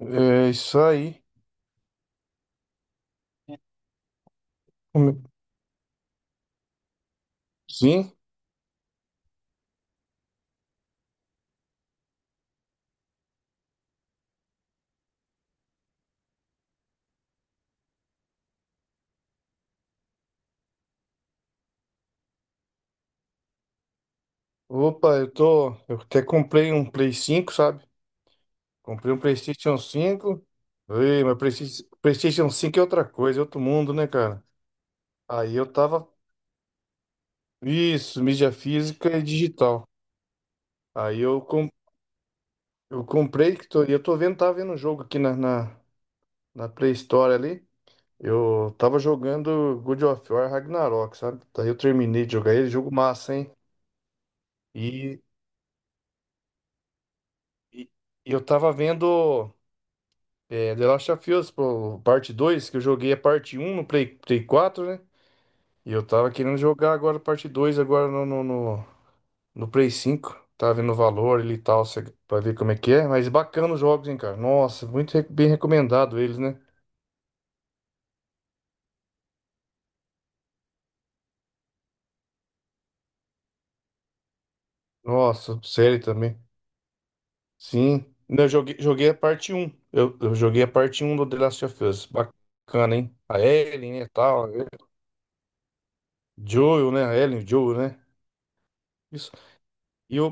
É isso aí. Como- Sim. Opa, eu tô. Eu até comprei um Play 5, sabe? Comprei um PlayStation 5. Ei, mas PlayStation 5 é outra coisa, é outro mundo, né, cara? Aí eu tava. Isso, mídia física e digital. Aí eu comprei, e tava vendo um jogo aqui na Play Store ali. Eu tava jogando God of War Ragnarok, sabe? Daí eu terminei de jogar ele. Jogo massa, hein? E, e e eu tava vendo. É, The Last of Us, pô, parte 2, que eu joguei a parte 1 no Play 4, né? E eu tava querendo jogar agora a parte 2 agora no Play 5. Tava vendo o valor ali e tal, pra ver como é que é. Mas bacana os jogos, hein, cara? Nossa, muito bem recomendado eles, né? Nossa, série também. Sim. Não, Eu joguei a parte 1. Eu joguei a parte 1 do The Last of Us. Bacana, hein? A Ellie, né, tal. Joel, né? A Ellie, o Joel, né? Isso. E eu,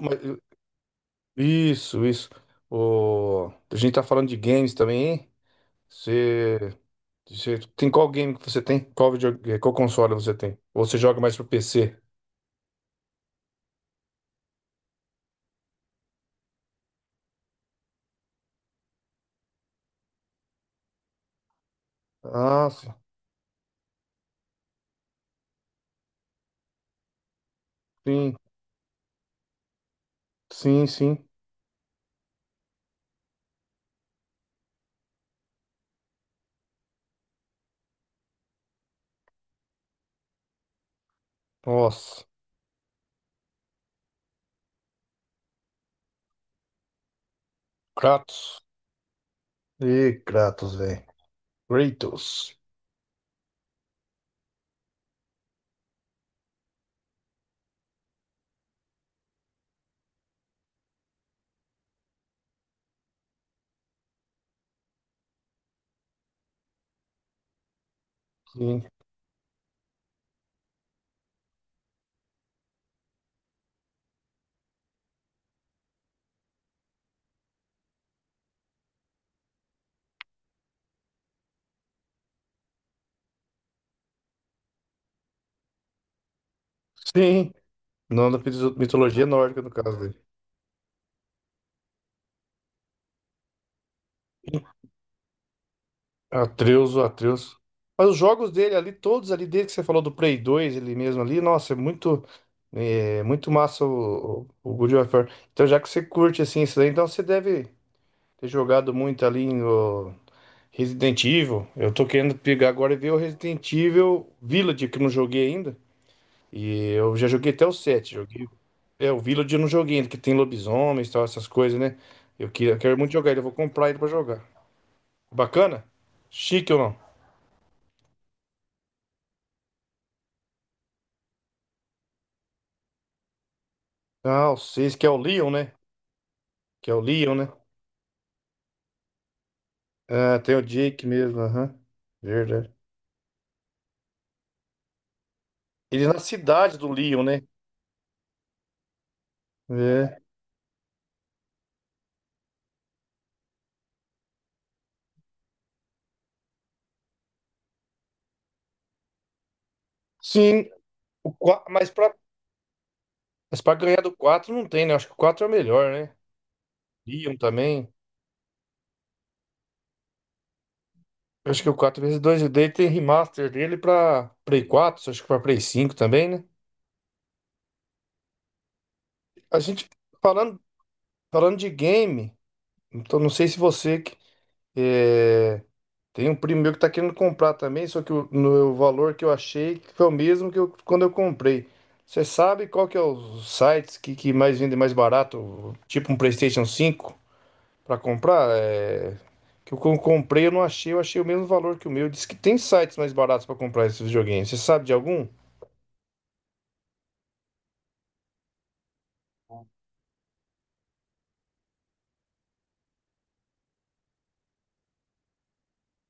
isso, isso. O... A gente tá falando de games também, hein? Você... você tem qual game que você tem? Qual console você tem? Ou você joga mais pro PC? Ah, sim, sim, sim. Nossa, Kratos. Ih, Kratos, velho. Kratos. Sim. Sim. Não da mitologia nórdica, no caso. Atreus, o Atreus. Mas os jogos dele ali, todos ali desde que você falou do Play 2 ele mesmo ali, nossa, é muito, muito massa o God of War. Então, já que você curte assim isso daí, então você deve ter jogado muito ali no Resident Evil. Eu tô querendo pegar agora e ver o Resident Evil Village, que eu não joguei ainda. E eu já joguei até o 7, joguei. É, o Village eu não joguei ainda, que tem lobisomens e tal, essas coisas, né? Eu quero muito jogar ele, eu vou comprar ele pra jogar. Bacana? Chique ou não? Ah, o seis que é o Leon, né? Que é o Leon, né? Ah, tem o Jake mesmo, aham. Verdade. Ele é na cidade do Leon, né? É. Sim, mas pra ganhar do 4 não tem, né? Acho que o 4 é o melhor, né? Leon também. Eu acho que o 4x2 dele tem remaster dele pra Play 4. Acho que pra Play 5 também, né? A gente falando, falando de game, então não sei se você que é. Tem um primo meu que tá querendo comprar também, só que o, no, o valor que eu achei que foi o mesmo que eu, quando eu comprei. Você sabe qual que é os sites que mais vendem mais barato? Tipo um PlayStation 5 para comprar? É, que eu comprei, eu não achei, eu achei o mesmo valor que o meu. Diz que tem sites mais baratos para comprar esses videogames. Você sabe de algum?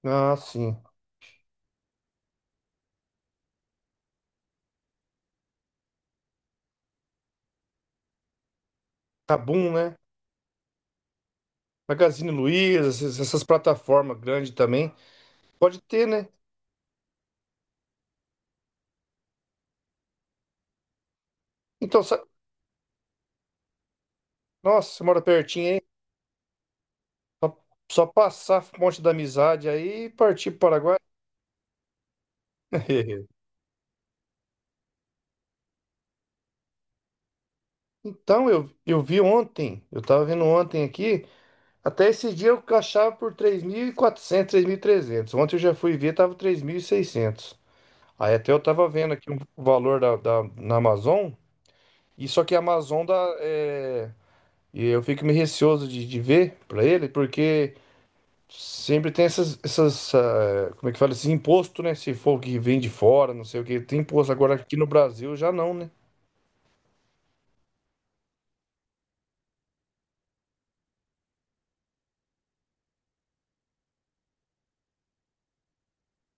Ah, sim. Kabum, né? Magazine Luiza, essas plataformas grandes também. Pode ter, né? Então, nossa, você mora pertinho, hein? Só, só passar a ponte da amizade aí e partir para o Paraguai. Então, eu vi ontem, eu estava vendo ontem aqui, até esse dia eu achava por 3.400, trezentos. Ontem eu já fui ver, estava 3.600. Aí até eu estava vendo aqui o valor da, na Amazon, e só que a Amazon dá, e eu fico meio receoso de ver para ele, porque sempre tem essas, como é que fala, esse imposto, né? Se for que vem de fora, não sei o que, tem imposto. Agora aqui no Brasil já não, né?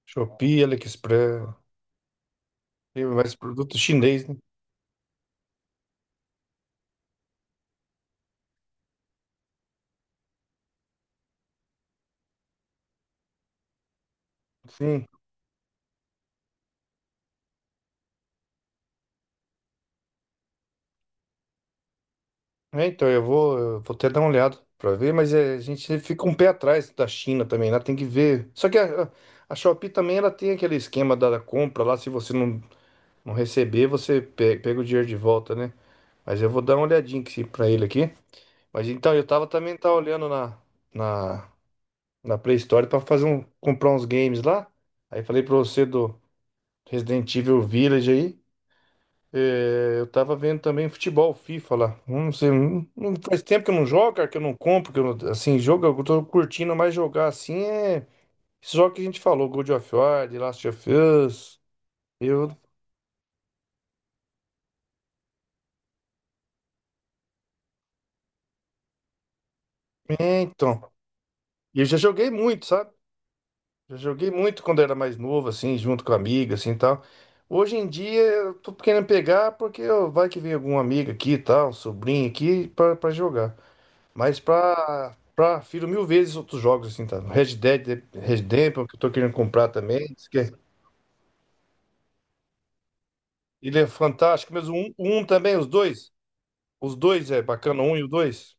Shopee, AliExpress, tem mais produto chinês, né? Sim. É, então eu vou até dar uma olhada pra ver, mas é, a gente fica um pé atrás da China também, lá tem que ver. Só que a Shopee também ela tem aquele esquema da compra lá, se você não receber, você pega o dinheiro de volta, né? Mas eu vou dar uma olhadinha aqui pra ele aqui. Mas então, eu tava também, tá, olhando na na Play Store pra comprar uns games lá. Aí falei pra você do Resident Evil Village aí. É, eu tava vendo também futebol, FIFA lá. Não sei, não, faz tempo que eu não jogo, cara, que eu não compro, que eu não, assim, jogo, eu tô curtindo mais jogar assim é esse jogo que a gente falou, God of War, The Last of Us. Eu, é, então, eu já joguei muito, sabe? Já joguei muito quando era mais novo, assim, junto com a amiga, assim, e tal. Hoje em dia eu tô querendo pegar porque ó, vai que vem algum amigo aqui, e tal, um sobrinho aqui pra jogar. Mas pra filho mil vezes outros jogos, assim, tá? Red Dead Redemption, que eu tô querendo comprar também. Diz que Ele é fantástico, mas o um também, os dois. Os dois é bacana, o um e o dois.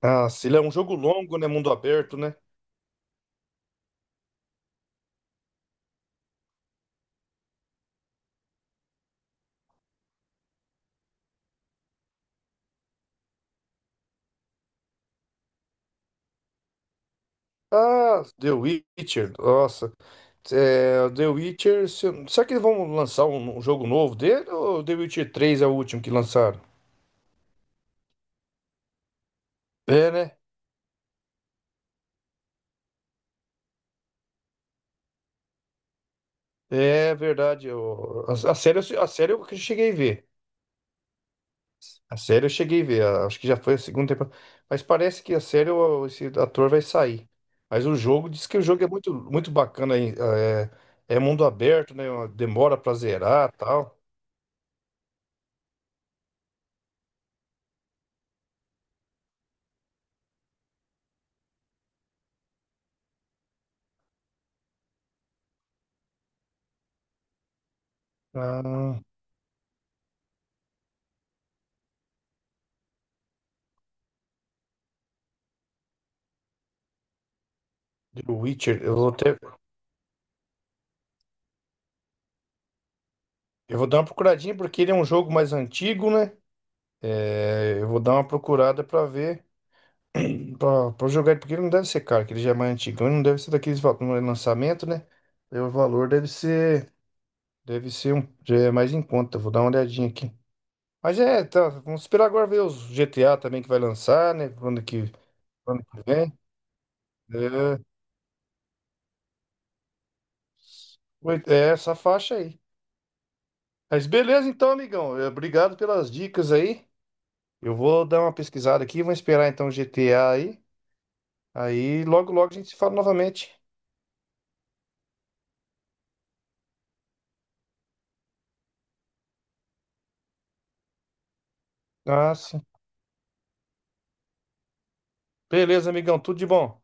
Ah, se ele é um jogo longo, né? Mundo aberto, né? Ah, The Witcher, nossa. É, The Witcher. Será que eles vão lançar um jogo novo dele? Ou The Witcher 3 é o último que lançaram? É, né? É verdade. A, série, a série eu cheguei a ver. A série eu cheguei a ver. Acho que já foi a segunda temporada. Mas parece que a série, esse ator vai sair. Mas o jogo diz que o jogo é muito, muito bacana, hein. É, mundo aberto, né? Demora pra zerar tal. Ah, The Witcher. Eu vou até. Eu vou dar uma procuradinha porque ele é um jogo mais antigo, né? É, eu vou dar uma procurada pra ver, pra jogar ele, porque ele não deve ser caro, que ele já é mais antigão, ele não deve ser daqueles, no lançamento, né? Aí, o valor deve ser um, já é mais em conta. Vou dar uma olhadinha aqui. Mas é, tá, vamos esperar agora ver os GTA também que vai lançar, né? Quando que vem? É, é essa faixa aí. Mas beleza então, amigão. É, obrigado pelas dicas aí. Eu vou dar uma pesquisada aqui, vou esperar então o GTA aí. Aí logo, logo a gente se fala novamente. Ah, sim. Beleza, amigão, tudo de bom.